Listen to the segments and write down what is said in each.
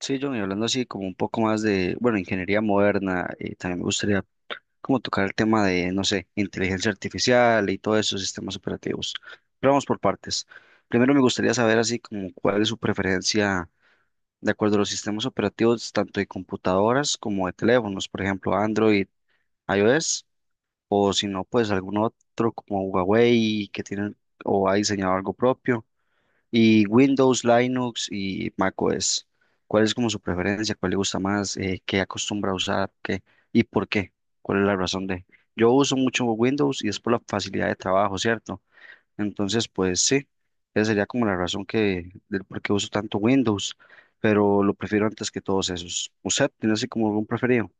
Sí, John, y hablando así como un poco más de, bueno, ingeniería moderna, también me gustaría como tocar el tema de, no sé, inteligencia artificial y todos esos sistemas operativos. Pero vamos por partes. Primero me gustaría saber así como cuál es su preferencia de acuerdo a los sistemas operativos, tanto de computadoras como de teléfonos, por ejemplo, Android, iOS, o si no, pues algún otro como Huawei que tienen o ha diseñado algo propio. Y Windows, Linux y macOS. ¿Cuál es como su preferencia? ¿Cuál le gusta más? ¿Qué acostumbra a usar? ¿Qué? ¿Y por qué? ¿Cuál es la razón de? Yo uso mucho Windows y es por la facilidad de trabajo, ¿cierto? Entonces, pues sí, esa sería como la razón que, del por qué uso tanto Windows, pero lo prefiero antes que todos esos. ¿Usted tiene así como algún preferido?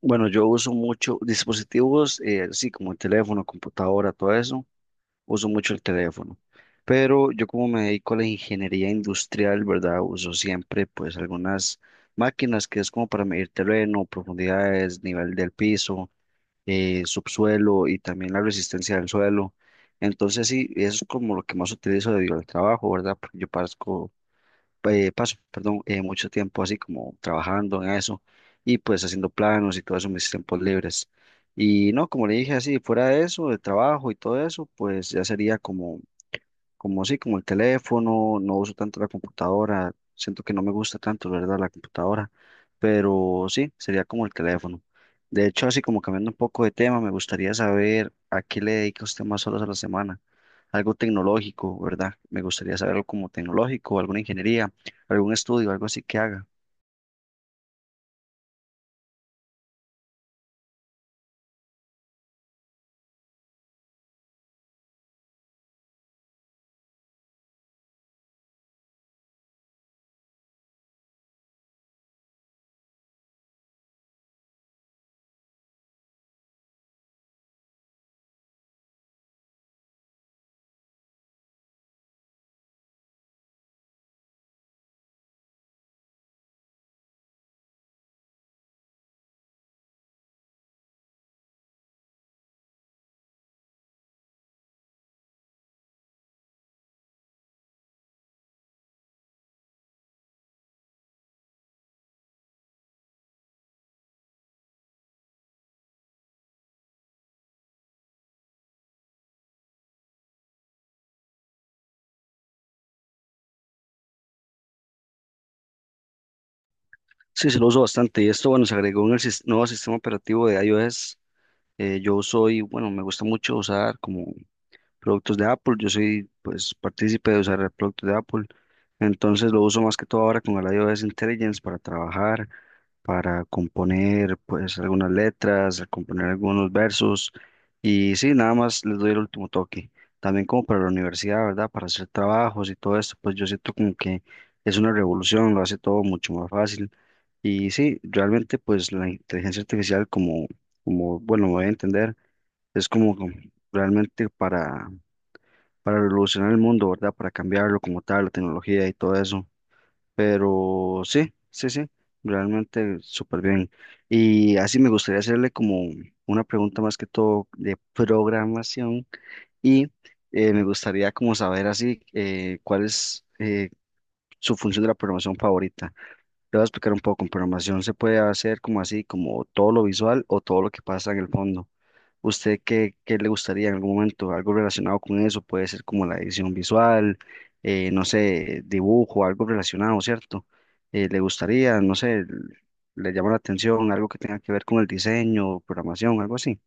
Bueno, yo uso mucho dispositivos, así como el teléfono, computadora, todo eso. Uso mucho el teléfono, pero yo como me dedico a la ingeniería industrial, ¿verdad? Uso siempre pues algunas máquinas que es como para medir terreno, profundidades, nivel del piso, subsuelo y también la resistencia del suelo. Entonces sí, eso es como lo que más utilizo debido al trabajo, ¿verdad? Porque yo parezco paso, perdón, mucho tiempo así como trabajando en eso y pues haciendo planos y todo eso en mis tiempos libres. Y no, como le dije así, fuera de eso, de trabajo y todo eso, pues ya sería como sí, como el teléfono, no uso tanto la computadora, siento que no me gusta tanto, ¿verdad? La computadora, pero sí, sería como el teléfono. De hecho, así como cambiando un poco de tema, me gustaría saber a qué le dedica usted más horas a la semana. Algo tecnológico, ¿verdad? Me gustaría saber algo como tecnológico, alguna ingeniería, algún estudio, algo así que haga. Sí, se lo uso bastante y esto, bueno, se agregó en el nuevo sistema operativo de iOS. Yo soy, bueno, me gusta mucho usar como productos de Apple. Yo soy, pues, partícipe de usar productos de Apple. Entonces lo uso más que todo ahora con el iOS Intelligence para trabajar, para componer, pues, algunas letras, componer algunos versos. Y sí, nada más les doy el último toque. También como para la universidad, ¿verdad? Para hacer trabajos y todo esto, pues yo siento como que es una revolución, lo hace todo mucho más fácil. Y sí, realmente pues la inteligencia artificial como, como bueno, me voy a entender, es como realmente para revolucionar el mundo, ¿verdad? Para cambiarlo como tal, la tecnología y todo eso. Pero sí, sí, sí, realmente súper bien. Y así me gustaría hacerle como una pregunta más que todo de programación y me gustaría como saber así cuál es su función de la programación favorita. Le voy a explicar un poco, en programación se puede hacer como así, como todo lo visual o todo lo que pasa en el fondo. ¿Usted qué, qué le gustaría en algún momento? Algo relacionado con eso, puede ser como la edición visual, no sé, dibujo, algo relacionado, ¿cierto? ¿Le gustaría, no sé, le llama la atención algo que tenga que ver con el diseño, programación, algo así?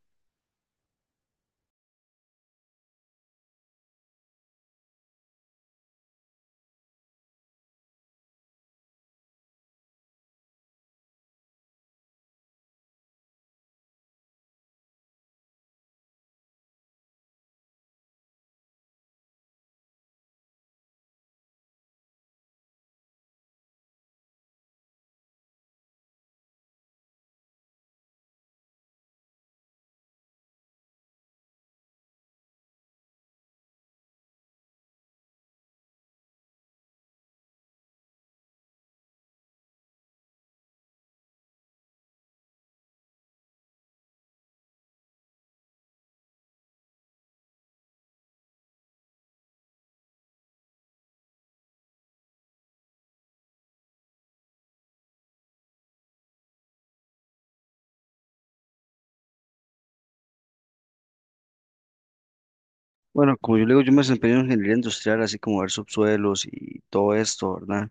Bueno, como yo le digo, yo me desempeño en ingeniería industrial, así como ver subsuelos y todo esto, ¿verdad?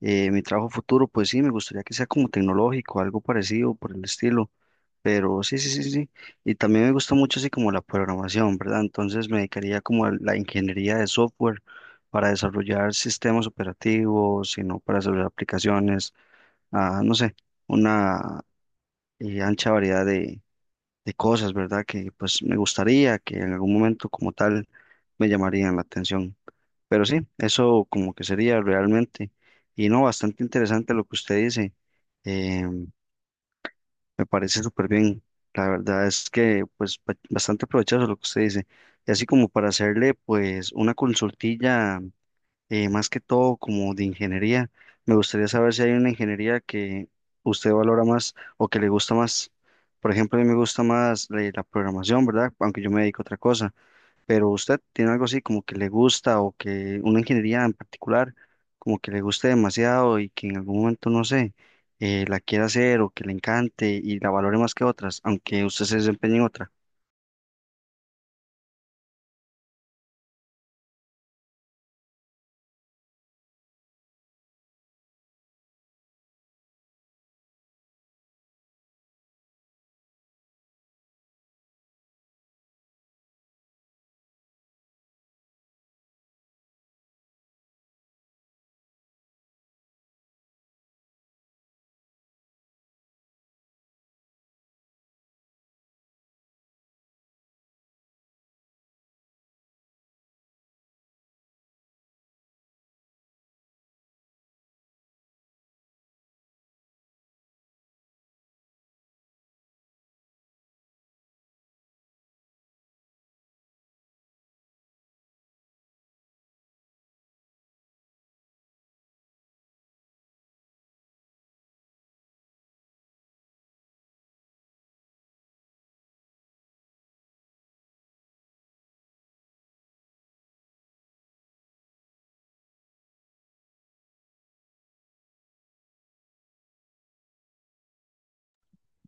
Mi trabajo futuro, pues sí, me gustaría que sea como tecnológico, algo parecido por el estilo. Pero sí, sí, sí, sí. Y también me gusta mucho así como la programación, ¿verdad? Entonces me dedicaría como a la ingeniería de software para desarrollar sistemas operativos, sino para desarrollar aplicaciones, ah, no sé, una ancha variedad de cosas, ¿verdad? Que pues me gustaría que en algún momento como tal me llamarían la atención. Pero sí, eso como que sería realmente. Y no, bastante interesante lo que usted dice. em, me parece súper bien. La verdad es que, pues, bastante provechoso lo que usted dice. Y así como para hacerle, pues, una consultilla, más que todo como de ingeniería, me gustaría saber si hay una ingeniería que usted valora más o que le gusta más. Por ejemplo, a mí me gusta más la programación, ¿verdad? Aunque yo me dedico a otra cosa. Pero usted tiene algo así como que le gusta o que una ingeniería en particular, como que le guste demasiado y que en algún momento, no sé, la quiera hacer o que le encante y la valore más que otras, aunque usted se desempeñe en otra.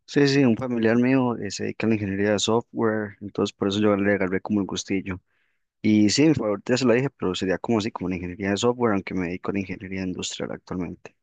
Sí, sí, un familiar mío se dedica a la ingeniería de software, entonces por eso yo le agarré como el gustillo. Y sí, ahorita se lo dije, pero sería como así, como la ingeniería de software, aunque me dedico a la ingeniería industrial actualmente.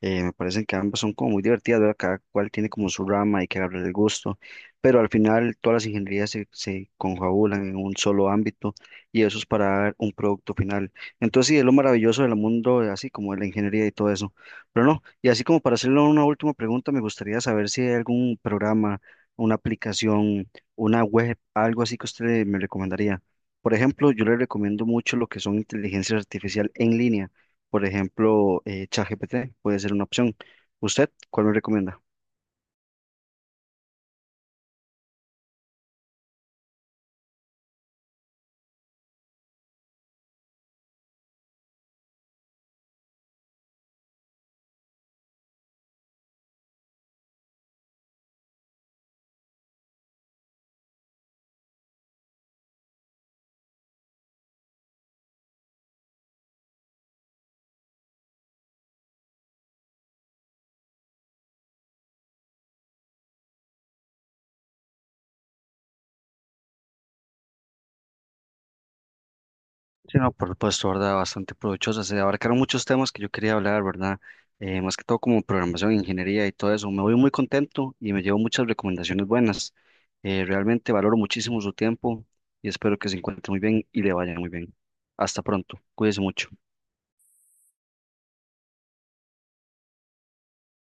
Me parece que ambas son como muy divertidas, ¿verdad? Cada cual tiene como su rama, hay que agarrar el gusto, pero al final todas las ingenierías se confabulan en un solo ámbito y eso es para dar un producto final. Entonces, sí, es lo maravilloso del mundo, así como de la ingeniería y todo eso. Pero no, y así como para hacerle una última pregunta, me gustaría saber si hay algún programa, una aplicación, una web, algo así que usted me recomendaría. Por ejemplo, yo le recomiendo mucho lo que son inteligencias artificial en línea. Por ejemplo, ChatGPT puede ser una opción. ¿Usted cuál me recomienda? Sí, no, por supuesto, ¿verdad? Bastante provechosa. Se abarcaron muchos temas que yo quería hablar, ¿verdad? Más que todo como programación, ingeniería y todo eso. Me voy muy contento y me llevo muchas recomendaciones buenas. Realmente valoro muchísimo su tiempo y espero que se encuentre muy bien y le vaya muy bien. Hasta pronto. Cuídese mucho.